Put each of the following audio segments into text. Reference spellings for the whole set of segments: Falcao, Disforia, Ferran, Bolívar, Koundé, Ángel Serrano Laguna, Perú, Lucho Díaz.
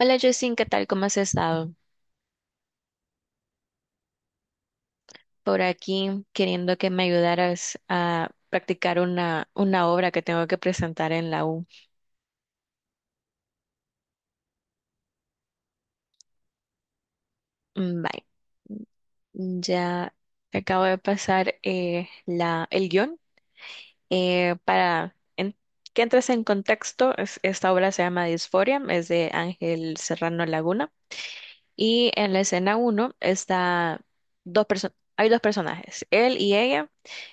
Hola Justin, ¿qué tal? ¿Cómo has estado? Por aquí queriendo que me ayudaras a practicar una obra que tengo que presentar en la U. Mm, bye. Ya te acabo de pasar el guión eh, para en- que entres en contexto. Esta obra se llama Disforia, es de Ángel Serrano Laguna. Y en la escena uno está hay dos personajes, él y ella,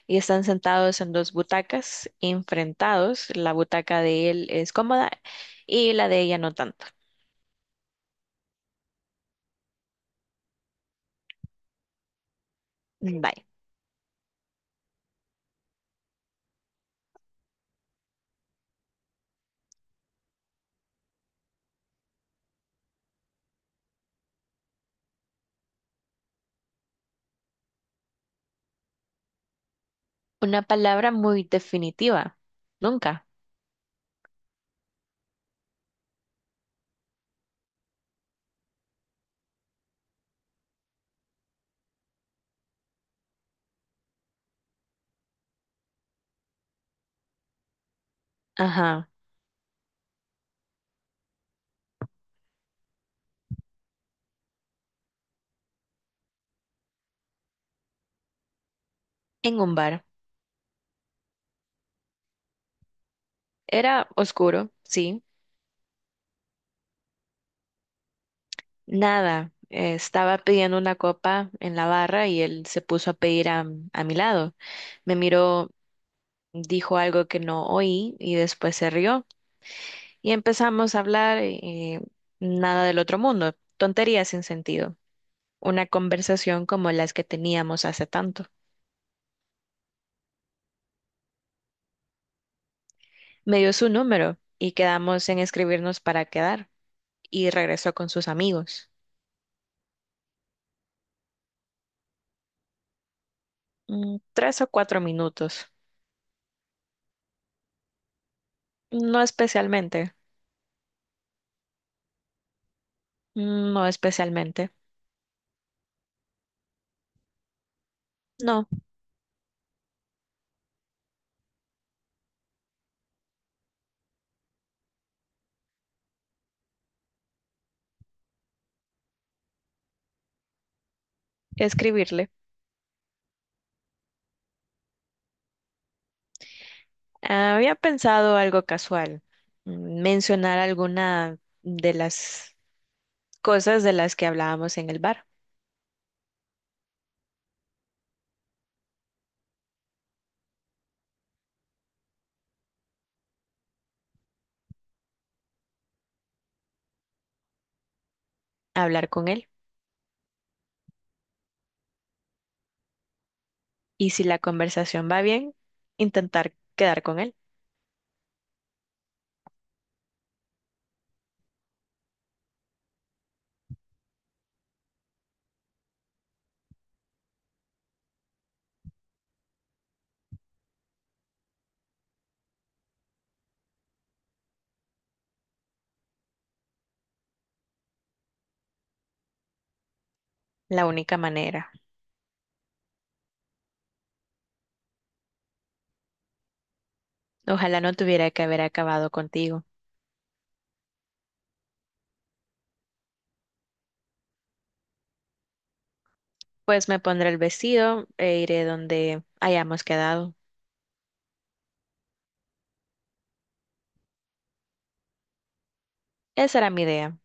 y están sentados en dos butacas, enfrentados. La butaca de él es cómoda y la de ella no tanto. Mm, bye. Una palabra muy definitiva. Nunca. Ajá. En un bar. Era oscuro, sí. Nada. Estaba pidiendo una copa en la barra y él se puso a pedir a mi lado. Me miró, dijo algo que no oí y después se rió. Y empezamos a hablar nada del otro mundo, tonterías sin sentido, una conversación como las que teníamos hace tanto. Me dio su número y quedamos en escribirnos para quedar y regresó con sus amigos. Tres o cuatro minutos. No especialmente, no especialmente. No, escribirle. Había pensado algo casual, mencionar alguna de las cosas de las que hablábamos en el bar, hablar con él. Y si la conversación va bien, intentar quedar con él. La única manera. Ojalá no tuviera que haber acabado contigo. Pues me pondré el vestido e iré donde hayamos quedado. Esa era mi idea.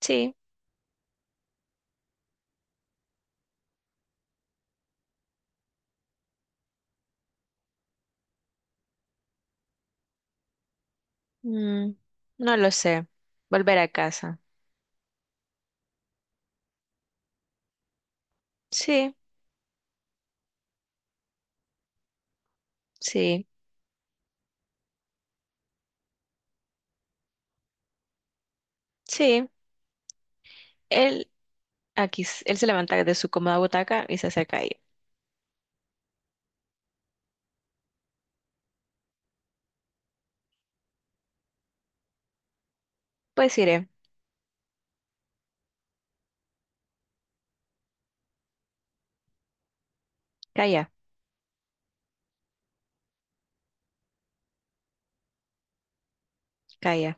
Sí. mm, no lo sé. Volver a casa. Sí, sí, sí. Él aquí, él se levanta de su cómoda butaca y se acerca a ella. Pues iré. Calla, calla,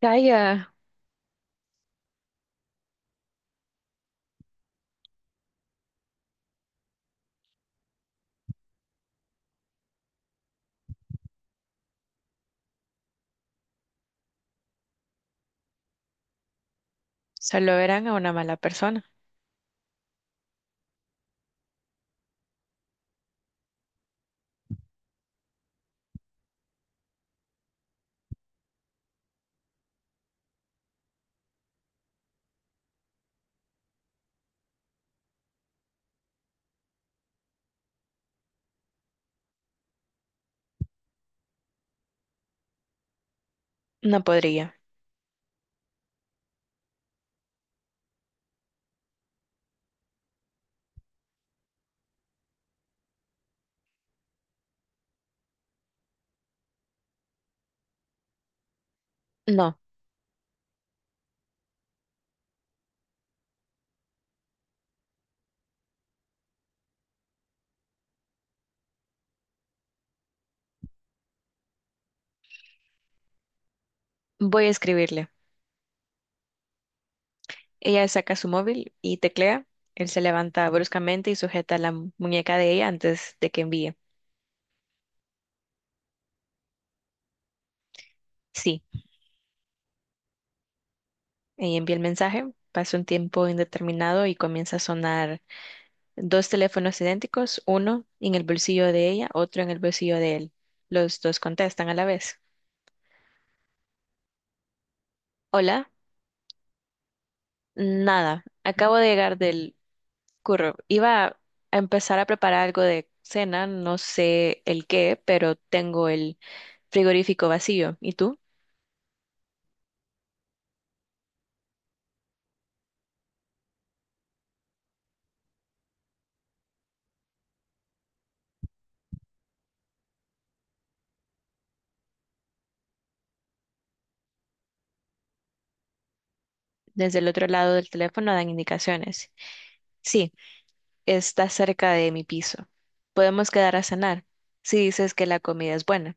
calla. Solo verán a una mala persona. No podría. No. Voy a escribirle. Ella saca su móvil y teclea. Él se levanta bruscamente y sujeta la muñeca de ella antes de que envíe. Sí, ella envía el mensaje. Pasa un tiempo indeterminado y comienza a sonar dos teléfonos idénticos, uno en el bolsillo de ella, otro en el bolsillo de él. Los dos contestan a la vez. Hola, nada, acabo de llegar del curro. Iba a empezar a preparar algo de cena, no sé el qué, pero tengo el frigorífico vacío. ¿Y tú? Desde el otro lado del teléfono dan indicaciones. Sí, está cerca de mi piso. Podemos quedar a cenar si dices que la comida es buena.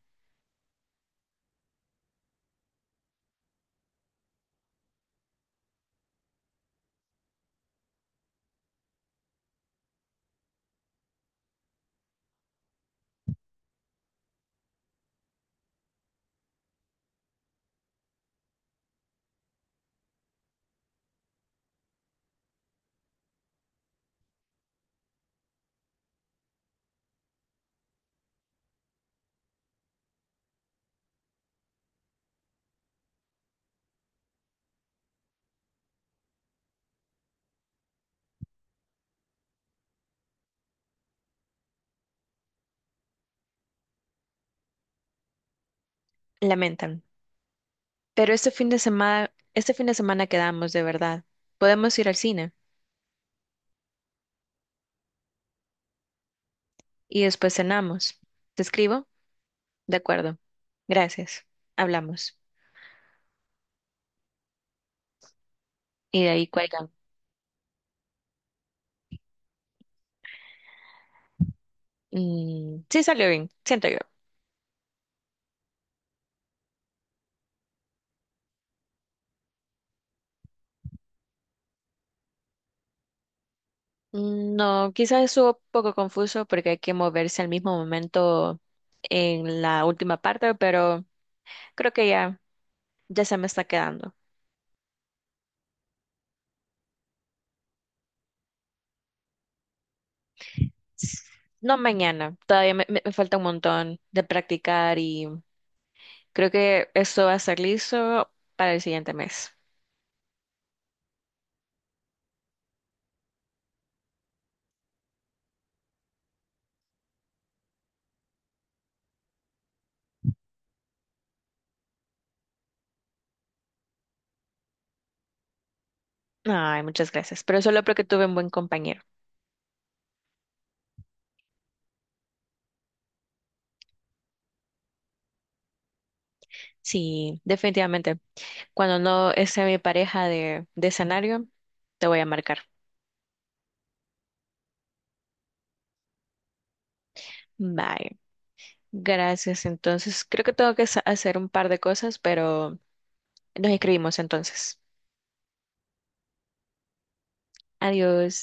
Lamentan. Pero este fin de semana, este fin de semana quedamos de verdad. Podemos ir al cine y después cenamos. ¿Te escribo? De acuerdo. Gracias. Hablamos. Y de ahí cuelgan. Sí salió bien, siento yo. Mm, no, quizás estuvo un poco confuso porque hay que moverse al mismo momento en la última parte, pero creo que ya se me está quedando. No mañana, todavía me falta un montón de practicar y creo que esto va a estar listo para el siguiente mes. Ay, muchas gracias, pero solo porque tuve un buen compañero. Sí, definitivamente. Cuando no esté mi pareja de escenario, te voy a marcar. Bye. Gracias. Entonces, creo que tengo que hacer un par de cosas, pero nos escribimos entonces. Adiós.